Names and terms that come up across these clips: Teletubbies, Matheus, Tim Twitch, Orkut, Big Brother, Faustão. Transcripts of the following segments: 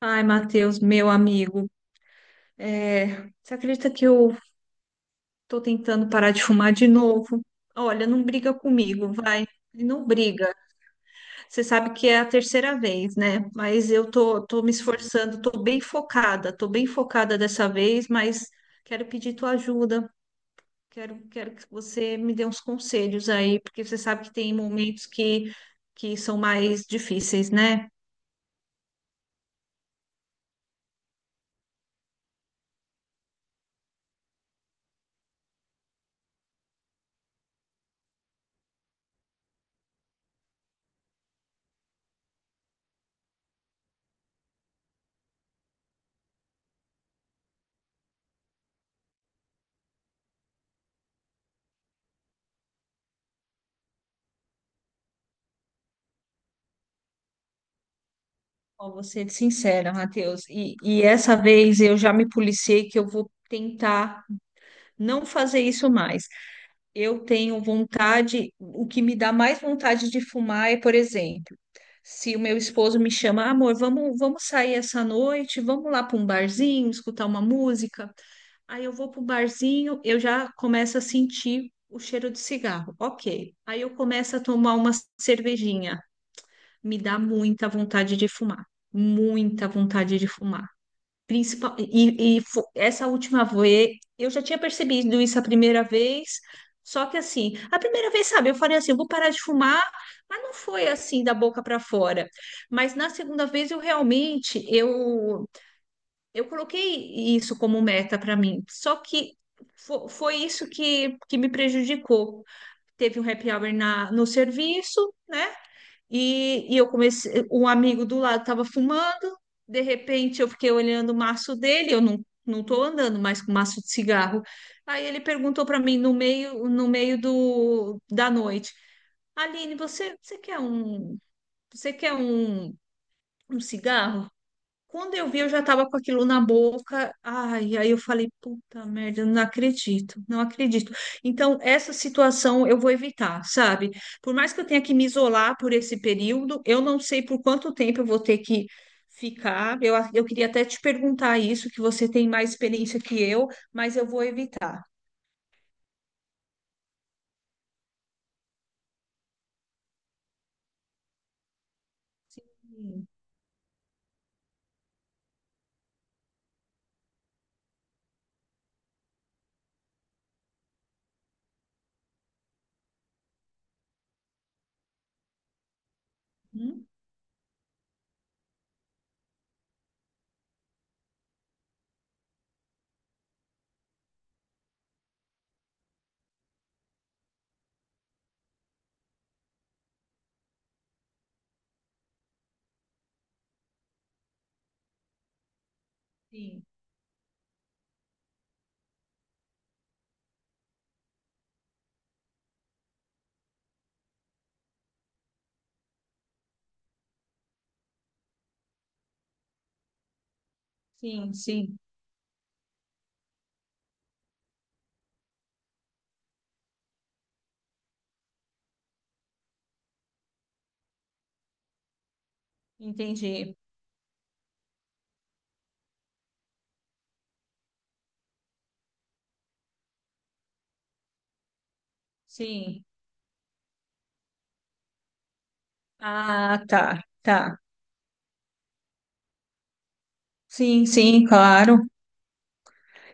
Ai, Matheus, meu amigo, é, você acredita que eu tô tentando parar de fumar de novo? Olha, não briga comigo, vai. Não briga. Você sabe que é a terceira vez, né? Mas eu tô, me esforçando, tô bem focada dessa vez, mas quero pedir tua ajuda. Quero que você me dê uns conselhos aí, porque você sabe que tem momentos que são mais difíceis, né? Ó, vou ser sincera, Matheus. E essa vez eu já me policiei que eu vou tentar não fazer isso mais. Eu tenho vontade. O que me dá mais vontade de fumar é, por exemplo, se o meu esposo me chama: amor, vamos sair essa noite, vamos lá para um barzinho, escutar uma música. Aí eu vou para o barzinho, eu já começo a sentir o cheiro de cigarro. Ok. Aí eu começo a tomar uma cervejinha. Me dá muita vontade de fumar, muita vontade de fumar. Principal, e essa última vez, eu já tinha percebido isso a primeira vez. Só que assim, a primeira vez, sabe, eu falei assim, eu vou parar de fumar, mas não foi assim da boca para fora. Mas na segunda vez eu realmente, eu coloquei isso como meta para mim. Só que foi isso que me prejudicou. Teve um happy hour no serviço, né? E eu comecei, um amigo do lado estava fumando, de repente eu fiquei olhando o maço dele. Eu não estou andando mais com maço de cigarro. Aí ele perguntou para mim no meio, da noite: Aline, você quer um cigarro? Quando eu vi, eu já tava com aquilo na boca. Ai, aí eu falei: puta merda, eu não acredito, não acredito. Então, essa situação eu vou evitar, sabe? Por mais que eu tenha que me isolar por esse período, eu não sei por quanto tempo eu vou ter que ficar. Eu queria até te perguntar isso, que você tem mais experiência que eu, mas eu vou evitar. Sim. Hum? Sim, sim, sim, entendi. Sim. Ah, tá, tá. Sim, sim, claro.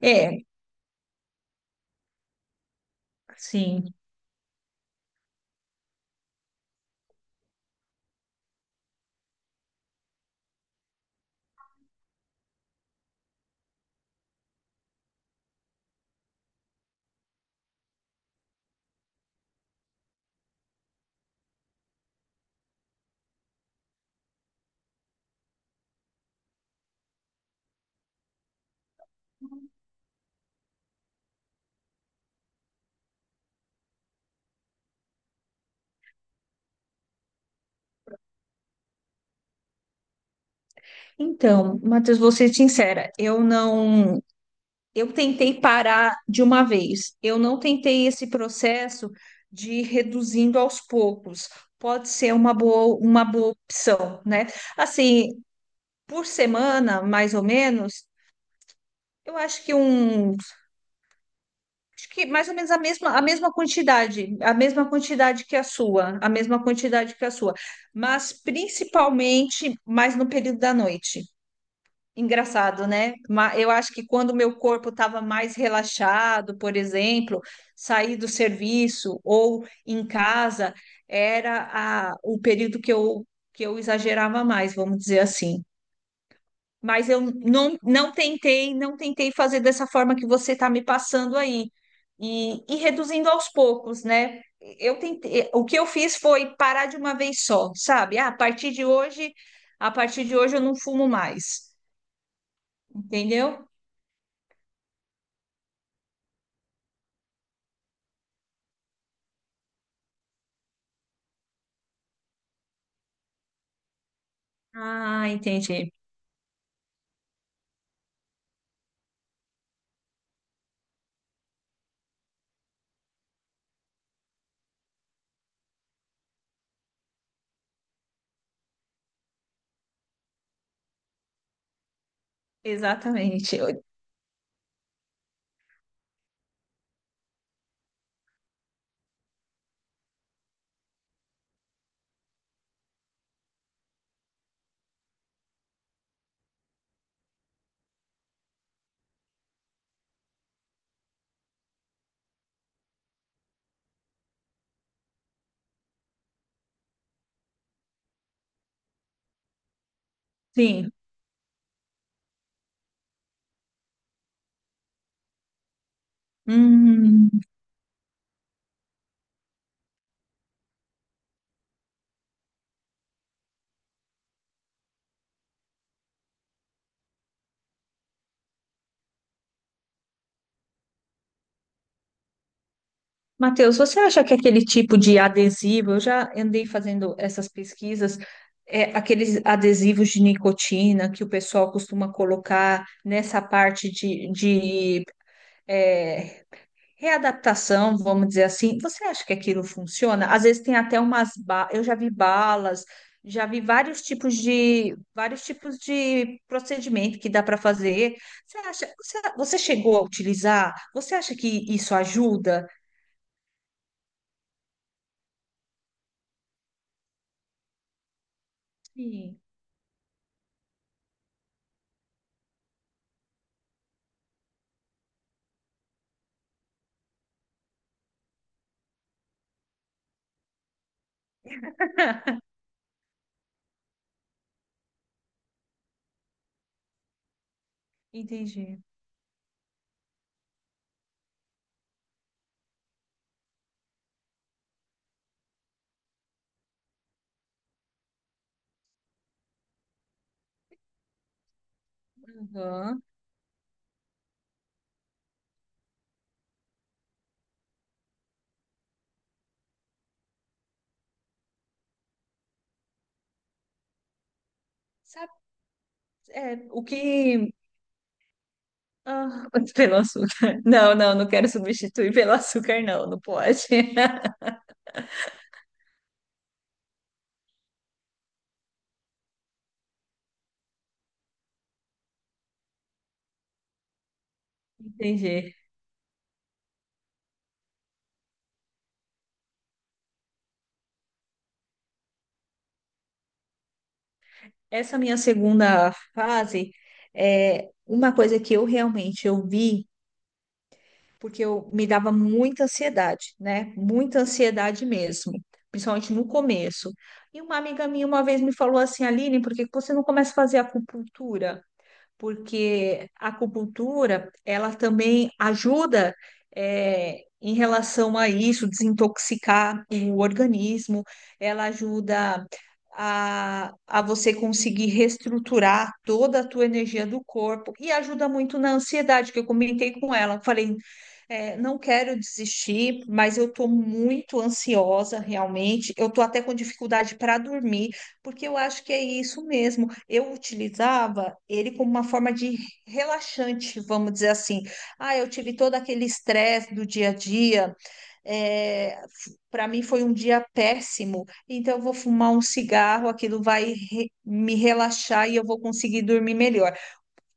É, sim. Então, Matheus, vou ser sincera, eu não, eu tentei parar de uma vez. Eu não tentei esse processo de ir reduzindo aos poucos. Pode ser uma boa, opção, né? Assim, por semana, mais ou menos, eu acho que um, acho que mais ou menos a mesma quantidade, a mesma quantidade que a sua, mas principalmente mais no período da noite. Engraçado, né? Eu acho que quando o meu corpo estava mais relaxado, por exemplo, sair do serviço ou em casa, era o período que eu exagerava mais, vamos dizer assim. Mas eu não, não tentei, não tentei fazer dessa forma que você está me passando aí. E reduzindo aos poucos, né? Eu tentei. O que eu fiz foi parar de uma vez só, sabe? Ah, a partir de hoje, a partir de hoje eu não fumo mais, entendeu? Ah, entendi. Exatamente. Sim. Hum. Matheus, você acha que aquele tipo de adesivo? Eu já andei fazendo essas pesquisas, aqueles adesivos de nicotina que o pessoal costuma colocar nessa parte de, de é, readaptação, vamos dizer assim. Você acha que aquilo funciona? Às vezes tem até umas eu já vi balas, já vi vários tipos de procedimento que dá para fazer. Você acha? Você chegou a utilizar? Você acha que isso ajuda? Sim, entendi. Aham. Sabe, o que... ah, pelo açúcar. Não, não, não quero substituir pelo açúcar, não, não pode. Entendi. Essa minha segunda fase é uma coisa que eu realmente eu vi, porque eu me dava muita ansiedade, né? Muita ansiedade mesmo, principalmente no começo. E uma amiga minha uma vez me falou assim: Aline, por que que você não começa a fazer acupuntura? Porque a acupuntura, ela também ajuda em relação a isso, desintoxicar o organismo. Ela ajuda a você conseguir reestruturar toda a tua energia do corpo, e ajuda muito na ansiedade, que eu comentei com ela. Falei: não quero desistir, mas eu estou muito ansiosa realmente. Eu estou até com dificuldade para dormir. Porque eu acho que é isso mesmo. Eu utilizava ele como uma forma de relaxante, vamos dizer assim. Ah, eu tive todo aquele estresse do dia a dia. É, para mim foi um dia péssimo. Então eu vou fumar um cigarro, aquilo vai me relaxar e eu vou conseguir dormir melhor.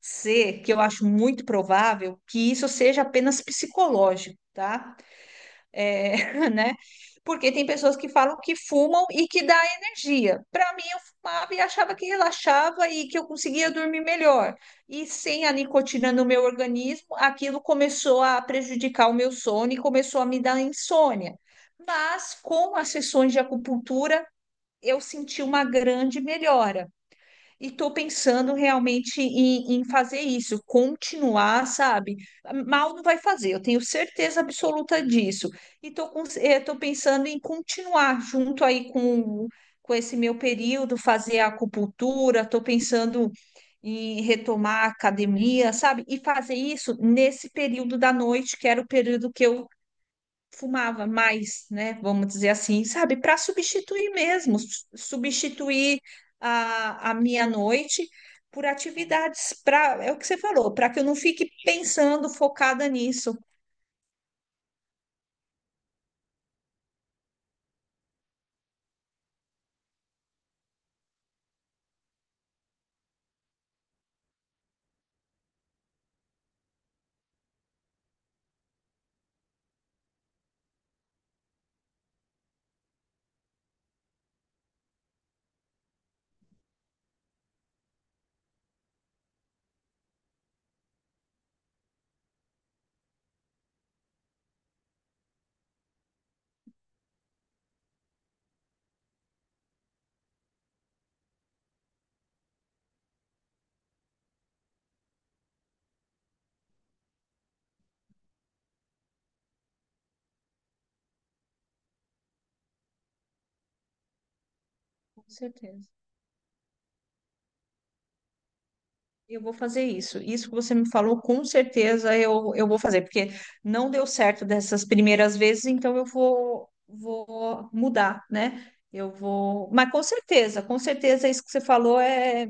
Ser que eu acho muito provável que isso seja apenas psicológico, tá? É, né? Porque tem pessoas que falam que fumam e que dá energia. Para mim, eu fumava e achava que relaxava e que eu conseguia dormir melhor. E sem a nicotina no meu organismo, aquilo começou a prejudicar o meu sono e começou a me dar insônia. Mas com as sessões de acupuntura, eu senti uma grande melhora. E estou pensando realmente em fazer isso, continuar, sabe? Mal não vai fazer, eu tenho certeza absoluta disso. E estou tô, com- eh, tô pensando em continuar junto aí com esse meu período, fazer a acupuntura. Estou pensando em retomar a academia, sabe? E fazer isso nesse período da noite, que era o período que eu fumava mais, né? Vamos dizer assim, sabe? Para substituir mesmo, substituir a minha noite por atividades, para, é o que você falou, para que eu não fique pensando focada nisso. Com certeza. Eu vou fazer isso. Isso que você me falou, com certeza eu, vou fazer, porque não deu certo dessas primeiras vezes, então eu vou mudar, né? Eu vou. Mas com certeza isso que você falou é.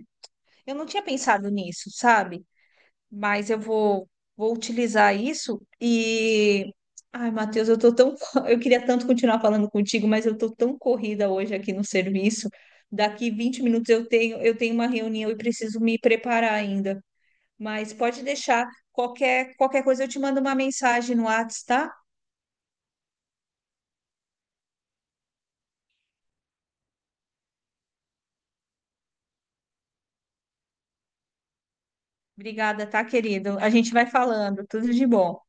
Eu não tinha pensado nisso, sabe? Mas eu vou utilizar isso e. Ai, Matheus, eu tô tão... Eu queria tanto continuar falando contigo, mas eu tô tão corrida hoje aqui no serviço. Daqui 20 minutos eu tenho uma reunião e preciso me preparar ainda. Mas pode deixar, qualquer coisa, eu te mando uma mensagem no WhatsApp, tá? Obrigada, tá, querido? A gente vai falando. Tudo de bom.